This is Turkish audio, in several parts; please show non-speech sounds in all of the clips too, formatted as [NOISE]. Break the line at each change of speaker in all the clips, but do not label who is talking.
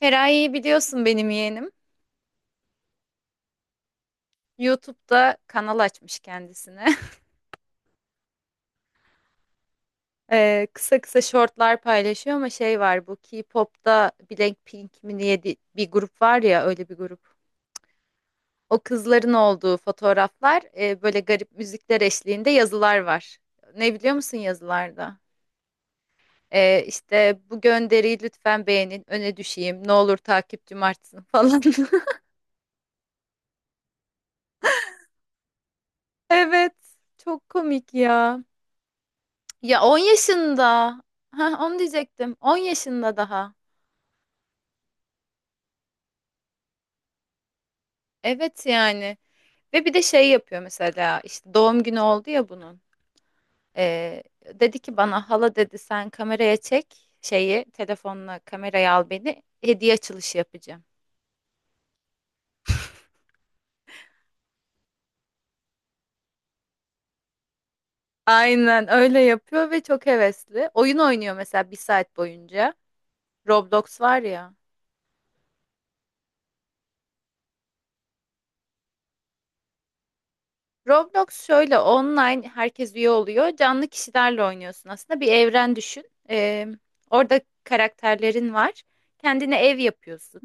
Feraye'yi biliyorsun benim yeğenim. YouTube'da kanal açmış kendisine. [LAUGHS] Kısa kısa shortlar paylaşıyor ama şey var bu K-pop'ta Blackpink mi diye bir grup var ya öyle bir grup. O kızların olduğu fotoğraflar böyle garip müzikler eşliğinde yazılar var. Ne biliyor musun yazılarda? İşte bu gönderiyi lütfen beğenin, öne düşeyim, ne olur takipçim artsın falan. [LAUGHS] Evet, çok komik ya. Ya 10 yaşında. Ha, onu diyecektim. 10 yaşında daha. Evet yani. Ve bir de şey yapıyor mesela, işte doğum günü oldu ya bunun. Dedi ki bana, hala dedi, sen kameraya çek şeyi, telefonla kameraya al beni, hediye açılışı yapacağım. Aynen öyle yapıyor ve çok hevesli. Oyun oynuyor mesela bir saat boyunca. Roblox var ya. Roblox şöyle, online herkes üye oluyor. Canlı kişilerle oynuyorsun aslında. Bir evren düşün. Orada karakterlerin var. Kendine ev yapıyorsun.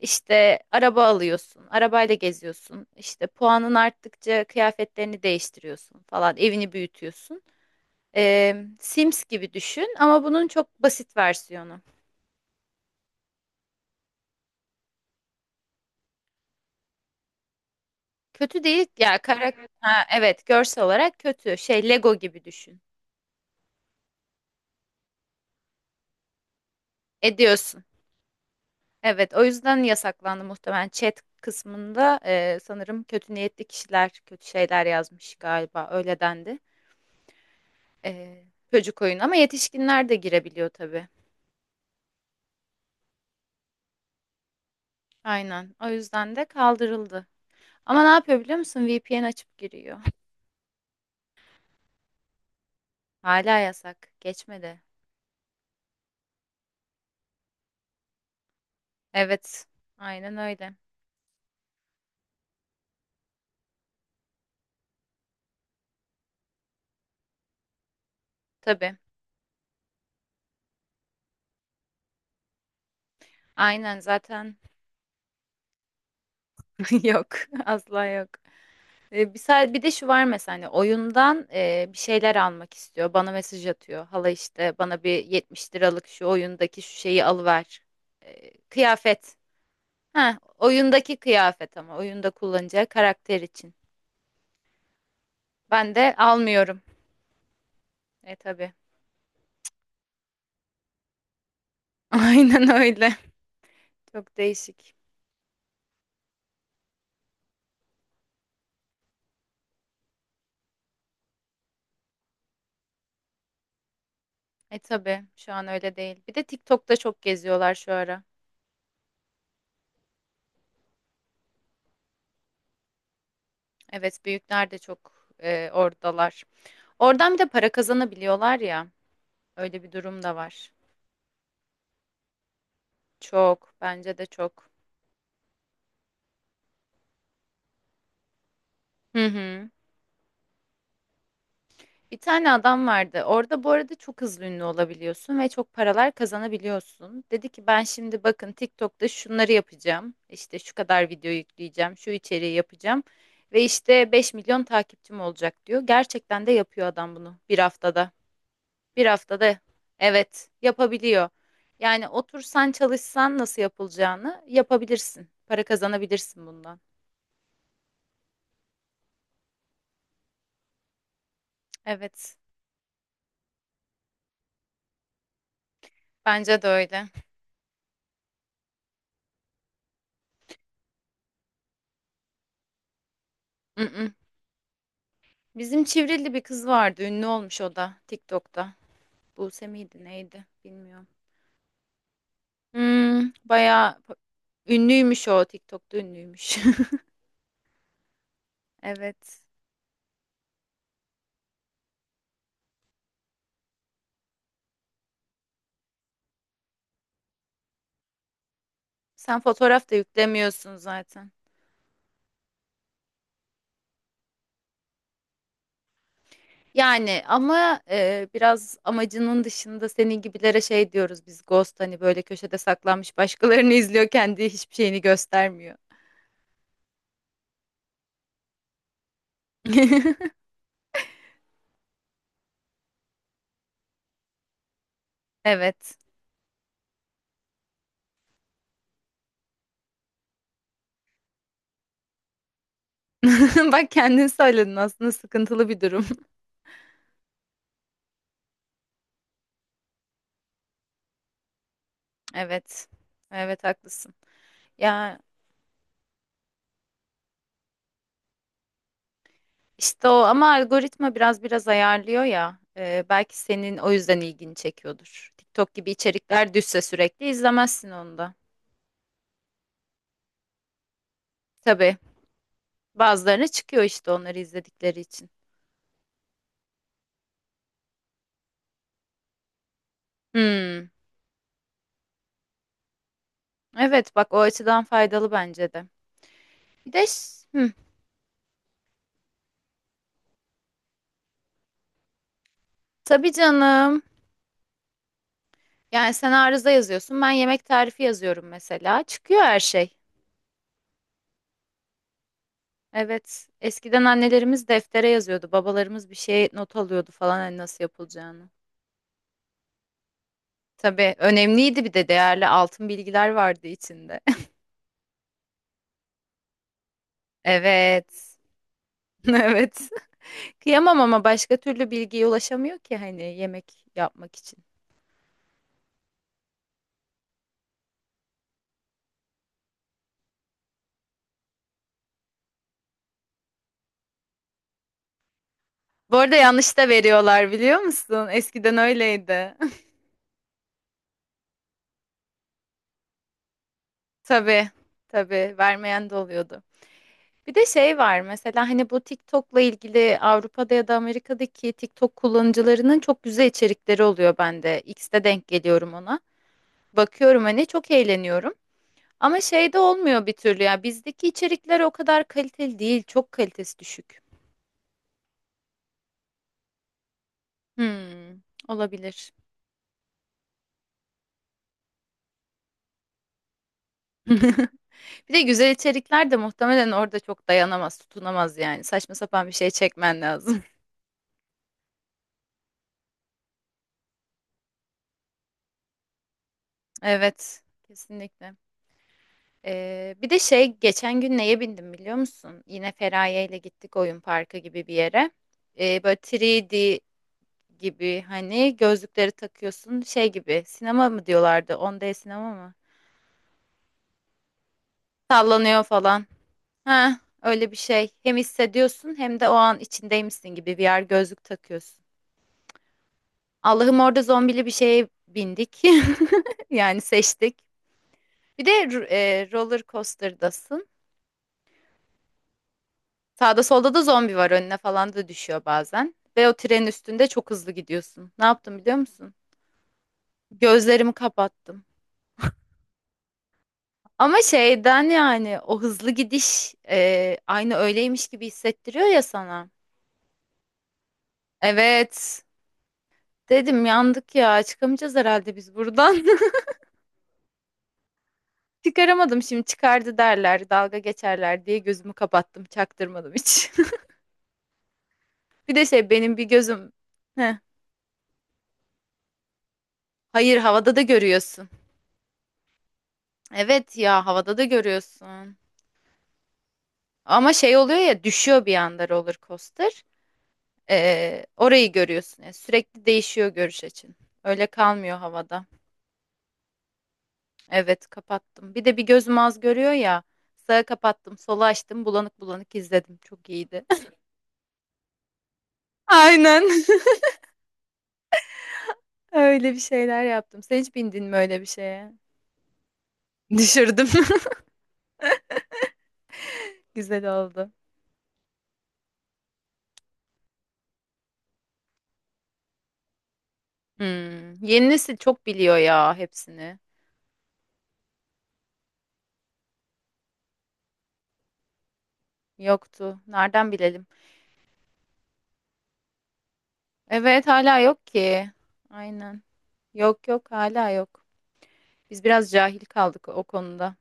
İşte araba alıyorsun. Arabayla geziyorsun. İşte puanın arttıkça kıyafetlerini değiştiriyorsun falan. Evini büyütüyorsun. Sims gibi düşün ama bunun çok basit versiyonu. Kötü değil ya karakter. Evet, görsel olarak kötü. Şey, Lego gibi düşün. Ediyorsun. Evet, o yüzden yasaklandı muhtemelen. Chat kısmında sanırım kötü niyetli kişiler kötü şeyler yazmış galiba. Öyle dendi. E, çocuk oyunu ama yetişkinler de girebiliyor tabii. Aynen. O yüzden de kaldırıldı. Ama ne yapıyor biliyor musun? VPN açıp giriyor. Hala yasak. Geçmedi. Evet. Aynen öyle. Tabii. Aynen zaten. [LAUGHS] Yok. Asla yok. Bir de şu var mesela, hani oyundan bir şeyler almak istiyor. Bana mesaj atıyor. Hala, işte bana bir 70 liralık şu oyundaki şu şeyi alıver. Kıyafet. Ha, oyundaki kıyafet ama oyunda kullanacağı karakter için. Ben de almıyorum. Tabii. [LAUGHS] Aynen öyle. Çok değişik. Tabii şu an öyle değil. Bir de TikTok'ta çok geziyorlar şu ara. Evet, büyükler de çok oradalar. Oradan bir de para kazanabiliyorlar ya. Öyle bir durum da var. Çok, bence de çok. Hı hı. Bir tane adam vardı. Orada, bu arada, çok hızlı ünlü olabiliyorsun ve çok paralar kazanabiliyorsun. Dedi ki, ben şimdi bakın TikTok'ta şunları yapacağım. İşte şu kadar video yükleyeceğim, şu içeriği yapacağım ve işte 5 milyon takipçim olacak diyor. Gerçekten de yapıyor adam bunu bir haftada. Bir haftada, evet, yapabiliyor. Yani otursan çalışsan, nasıl yapılacağını yapabilirsin. Para kazanabilirsin bundan. Evet, bence de öyle. [LAUGHS] Bizim Çivril'li bir kız vardı. Ünlü olmuş o da TikTok'ta. Buse miydi neydi bilmiyorum. Hmm, bayağı ünlüymüş, o TikTok'ta ünlüymüş. [LAUGHS] Evet. Sen fotoğraf da yüklemiyorsun zaten. Yani ama biraz amacının dışında, senin gibilere şey diyoruz biz, ghost, hani böyle köşede saklanmış, başkalarını izliyor, kendi hiçbir şeyini göstermiyor. [LAUGHS] Evet. [LAUGHS] Bak, kendin söyledin, aslında sıkıntılı bir durum. [LAUGHS] Evet. Evet, haklısın. Ya, İşte o ama algoritma biraz biraz ayarlıyor ya. Belki senin o yüzden ilgini çekiyordur. TikTok gibi içerikler düşse sürekli izlemezsin onu da. Tabii, bazılarına çıkıyor işte, onları izledikleri için. Hmm, evet, bak, o açıdan faydalı bence de. Bir de tabii canım. Yani sen arıza yazıyorsun, ben yemek tarifi yazıyorum mesela. Çıkıyor her şey. Evet, eskiden annelerimiz deftere yazıyordu. Babalarımız bir şeye not alıyordu falan, hani nasıl yapılacağını. Tabii, önemliydi, bir de değerli altın bilgiler vardı içinde. [LAUGHS] Evet. [LAUGHS] Evet. Kıyamam ama başka türlü bilgiye ulaşamıyor ki hani, yemek yapmak için. Bu arada yanlış da veriyorlar, biliyor musun? Eskiden öyleydi. [LAUGHS] Tabii. Tabii vermeyen de oluyordu. Bir de şey var mesela, hani bu TikTok'la ilgili, Avrupa'da ya da Amerika'daki TikTok kullanıcılarının çok güzel içerikleri oluyor bende. X'te denk geliyorum ona. Bakıyorum hani, çok eğleniyorum. Ama şey de olmuyor bir türlü ya. Bizdeki içerikler o kadar kaliteli değil. Çok kalitesi düşük. Hmm, olabilir. [LAUGHS] Bir de güzel içerikler de muhtemelen orada çok dayanamaz, tutunamaz yani. Saçma sapan bir şey çekmen lazım. [LAUGHS] Evet, kesinlikle. Bir de şey, geçen gün neye bindim biliyor musun? Yine Feraye ile gittik oyun parkı gibi bir yere. Böyle 3D gibi, hani gözlükleri takıyorsun, şey gibi, sinema mı diyorlardı? 10D sinema mı? Sallanıyor falan. Ha, öyle bir şey. Hem hissediyorsun hem de o an içindeymişsin gibi, VR gözlük takıyorsun. Allah'ım, orada zombili bir şeye bindik. [LAUGHS] Yani seçtik. Bir de roller coaster'dasın. Sağda solda da zombi var, önüne falan da düşüyor bazen. Ve o trenin üstünde çok hızlı gidiyorsun. Ne yaptım biliyor musun? Gözlerimi kapattım. Ama şeyden, yani o hızlı gidiş aynı öyleymiş gibi hissettiriyor ya sana. Evet. Dedim, yandık ya, çıkamayacağız herhalde biz buradan. Çıkaramadım, şimdi çıkardı derler, dalga geçerler diye gözümü kapattım, çaktırmadım hiç. [LAUGHS] Bir de şey, benim bir gözüm. Heh. Hayır, havada da görüyorsun. Evet ya, havada da görüyorsun. Ama şey oluyor ya, düşüyor bir anda roller coaster. Orayı görüyorsun. Yani sürekli değişiyor görüş açın. Öyle kalmıyor havada. Evet, kapattım. Bir de bir gözüm az görüyor ya. Sağa kapattım, sola açtım, bulanık bulanık izledim. Çok iyiydi. [LAUGHS] Aynen. Öyle bir şeyler yaptım. Sen hiç bindin mi öyle bir şeye? Düşürdüm. [LAUGHS] Güzel oldu. Hmm. Yeni nesil çok biliyor ya hepsini. Yoktu. Nereden bilelim? Evet, hala yok ki. Aynen. Yok yok, hala yok. Biz biraz cahil kaldık o konuda.